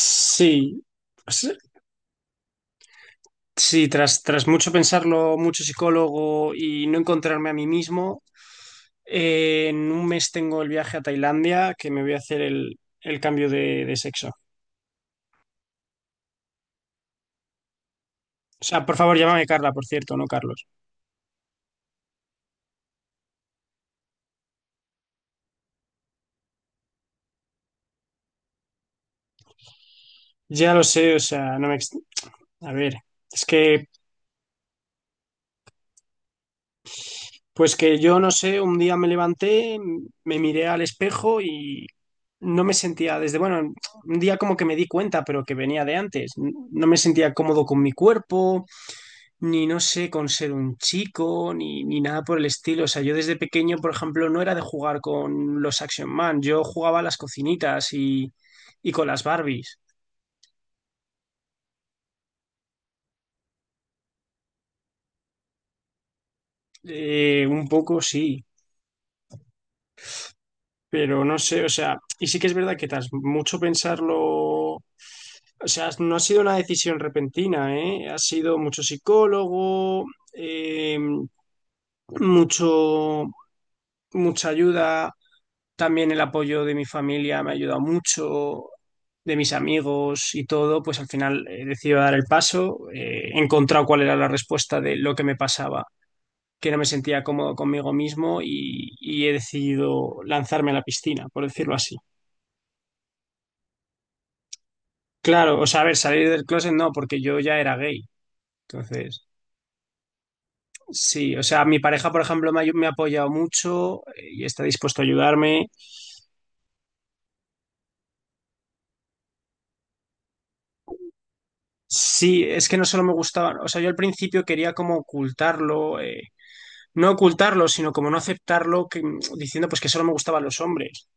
Sí, sí, sí, Tras mucho pensarlo, mucho psicólogo y no encontrarme a mí mismo, en un mes tengo el viaje a Tailandia que me voy a hacer el cambio de sexo. O sea, por favor, llámame Carla, por cierto, no Carlos. Ya lo sé, o sea, no me... ex- A ver, es que, pues que yo no sé, un día me levanté, me miré al espejo y no me sentía desde, bueno, un día como que me di cuenta, pero que venía de antes. No me sentía cómodo con mi cuerpo, ni no sé, con ser un chico, ni, ni nada por el estilo. O sea, yo desde pequeño, por ejemplo, no era de jugar con los Action Man, yo jugaba a las cocinitas y con las Barbies. Un poco sí, pero no sé, o sea, y sí que es verdad que tras mucho pensarlo... O sea, no ha sido una decisión repentina, ¿eh? Ha sido mucho psicólogo, eh, mucho, mucha ayuda. También el apoyo de mi familia me ha ayudado mucho, de mis amigos y todo, pues al final he decidido dar el paso, he encontrado cuál era la respuesta de lo que me pasaba, que no me sentía cómodo conmigo mismo y he decidido lanzarme a la piscina, por decirlo así. Claro, o sea, a ver, salir del closet no, porque yo ya era gay. Entonces, sí, o sea, mi pareja, por ejemplo, me ha, me ha apoyado mucho, y está dispuesto a ayudarme. Sí, es que no solo me gustaba, o sea, yo al principio quería como ocultarlo, no ocultarlo, sino como no aceptarlo, que, diciendo pues que solo me gustaban los hombres.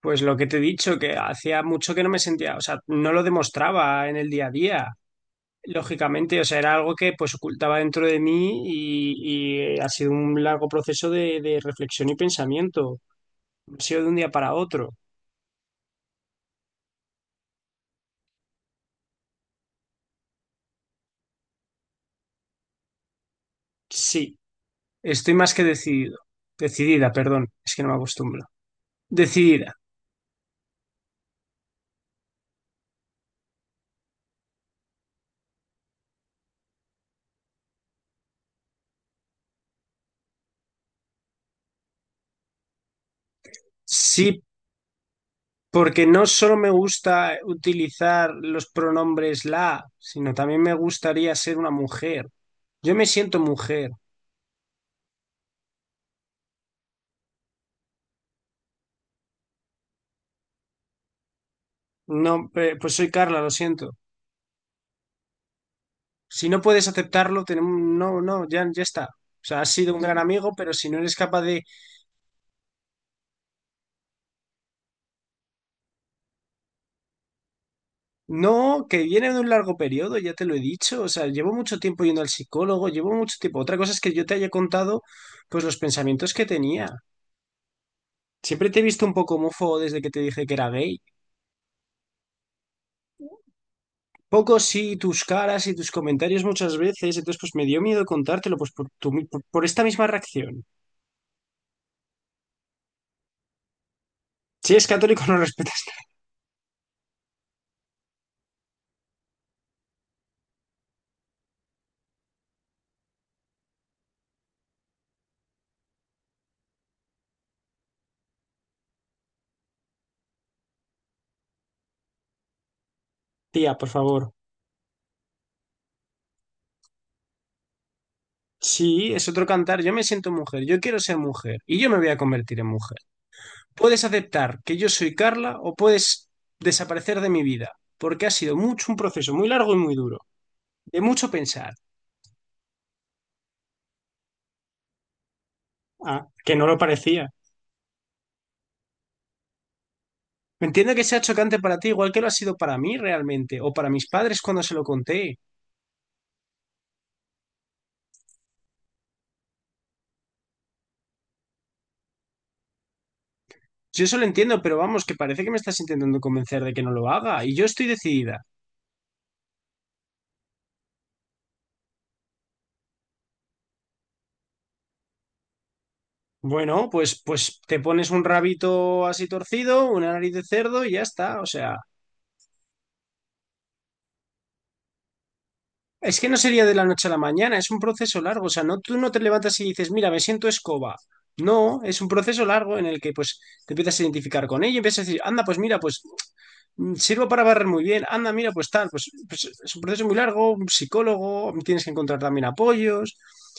Pues lo que te he dicho, que hacía mucho que no me sentía, o sea, no lo demostraba en el día a día, lógicamente, o sea, era algo que pues ocultaba dentro de mí y ha sido un largo proceso de reflexión y pensamiento, no ha sido de un día para otro. Sí, estoy más que decidido, decidida, perdón, es que no me acostumbro. Decidida, sí. Porque no solo me gusta utilizar los pronombres la, sino también me gustaría ser una mujer. Yo me siento mujer. No, pues soy Carla, lo siento. Si no puedes aceptarlo, tenemos, no, no, ya, ya está. O sea, has sido un gran amigo, pero si no eres capaz de... No, que viene de un largo periodo, ya te lo he dicho. O sea, llevo mucho tiempo yendo al psicólogo, llevo mucho tiempo. Otra cosa es que yo te haya contado, pues, los pensamientos que tenía. Siempre te he visto un poco homófobo desde que te dije que era gay. Poco sí, tus caras y tus comentarios muchas veces, entonces pues me dio miedo contártelo pues por, por esta misma reacción. Si es católico no respetas, tía, por favor. Sí, es otro cantar, yo me siento mujer, yo quiero ser mujer y yo me voy a convertir en mujer. Puedes aceptar que yo soy Carla o puedes desaparecer de mi vida, porque ha sido mucho un proceso muy largo y muy duro, de mucho pensar. Ah, que no lo parecía. Entiendo que sea chocante para ti, igual que lo ha sido para mí realmente, o para mis padres cuando se lo conté. Yo eso lo entiendo, pero vamos, que parece que me estás intentando convencer de que no lo haga y yo estoy decidida. Bueno, pues te pones un rabito así torcido, una nariz de cerdo y ya está. O sea, es que no sería de la noche a la mañana, es un proceso largo. O sea, no, tú no te levantas y dices, mira, me siento escoba. No, es un proceso largo en el que pues te empiezas a identificar con ella y empiezas a decir, anda, pues mira, pues sirvo para barrer muy bien, anda, mira, pues tal, pues, pues es un proceso muy largo, un psicólogo, tienes que encontrar también apoyos.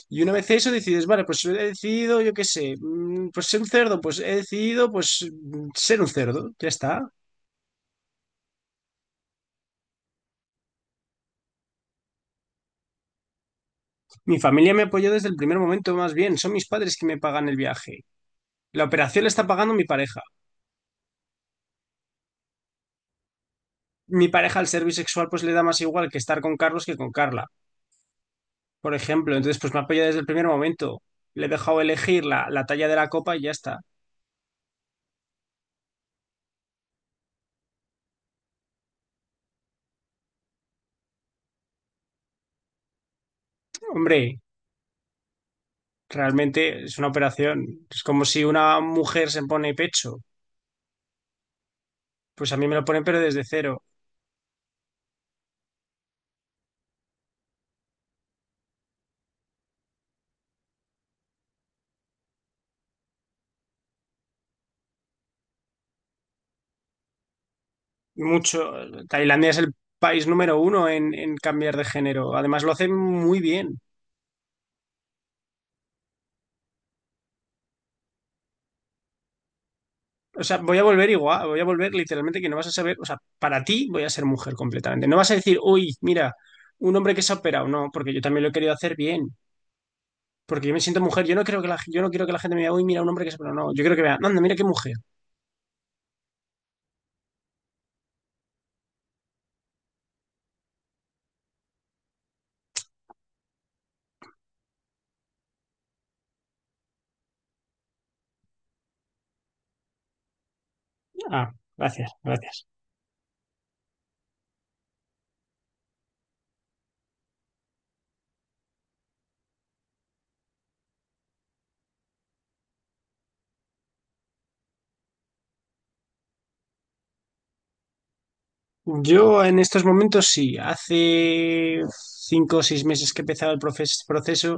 Y una vez eso decides, vale, pues he decidido, yo qué sé, pues ser un cerdo, pues he decidido, pues ser un cerdo, ya está. Mi familia me apoyó desde el primer momento, más bien, son mis padres que me pagan el viaje. La operación la está pagando mi pareja. Mi pareja al ser bisexual pues le da más igual que estar con Carlos que con Carla, por ejemplo. Entonces pues me apoya desde el primer momento. Le he dejado elegir la talla de la copa y ya está. Hombre, realmente es una operación. Es como si una mujer se pone pecho. Pues a mí me lo ponen pero desde cero. Mucho. Tailandia es el país número uno en cambiar de género. Además lo hacen muy bien. O sea, voy a volver igual, voy a volver literalmente que no vas a saber, o sea, para ti voy a ser mujer completamente. No vas a decir, uy, mira, un hombre que se ha operado, no, porque yo también lo he querido hacer bien, porque yo me siento mujer, yo no creo que la, yo no quiero que la gente me diga, uy, mira, un hombre que se ha operado, no, yo creo que vea, anda, mira qué mujer. Ah, gracias, gracias. Yo en estos momentos sí, hace 5 o 6 meses que he empezado el proceso,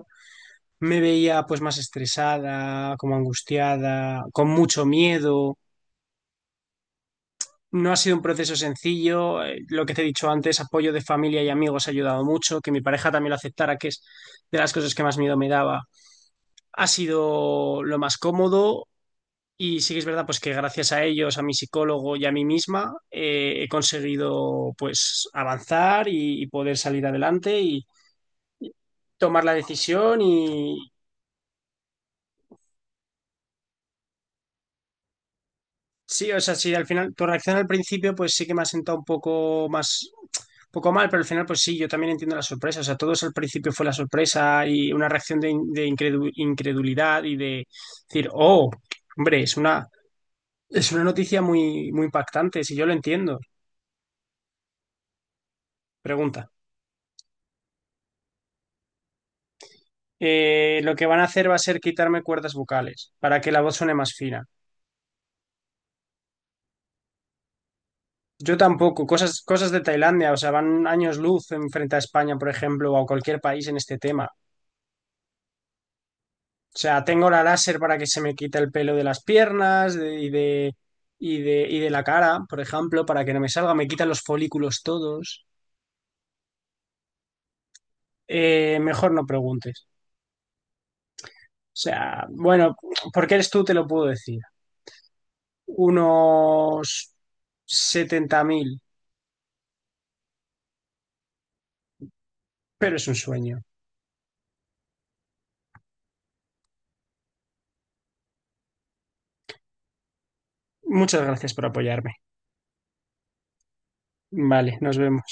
me veía pues más estresada, como angustiada, con mucho miedo. No ha sido un proceso sencillo. Lo que te he dicho antes, apoyo de familia y amigos ha ayudado mucho. Que mi pareja también lo aceptara, que es de las cosas que más miedo me daba, ha sido lo más cómodo. Y sí que es verdad, pues que gracias a ellos, a mi psicólogo y a mí misma, he conseguido pues avanzar y poder salir adelante y tomar la decisión y... Sí, o sea, sí, al final, tu reacción al principio, pues sí que me ha sentado un poco más, un poco mal, pero al final, pues sí, yo también entiendo la sorpresa. O sea, todos al principio fue la sorpresa y una reacción de, incredulidad y de decir, oh, hombre, es una noticia muy, muy impactante, si yo lo entiendo. Pregunta. Lo que van a hacer va a ser quitarme cuerdas vocales para que la voz suene más fina. Yo tampoco, cosas, cosas de Tailandia, o sea, van años luz en frente a España, por ejemplo, o a cualquier país en este tema. O sea, tengo la láser para que se me quite el pelo de las piernas y de, y de, y de la cara, por ejemplo, para que no me salga. Me quitan los folículos todos. Mejor no preguntes. O sea, bueno, porque eres tú, te lo puedo decir. Unos 70.000, pero es un sueño. Muchas gracias por apoyarme. Vale, nos vemos.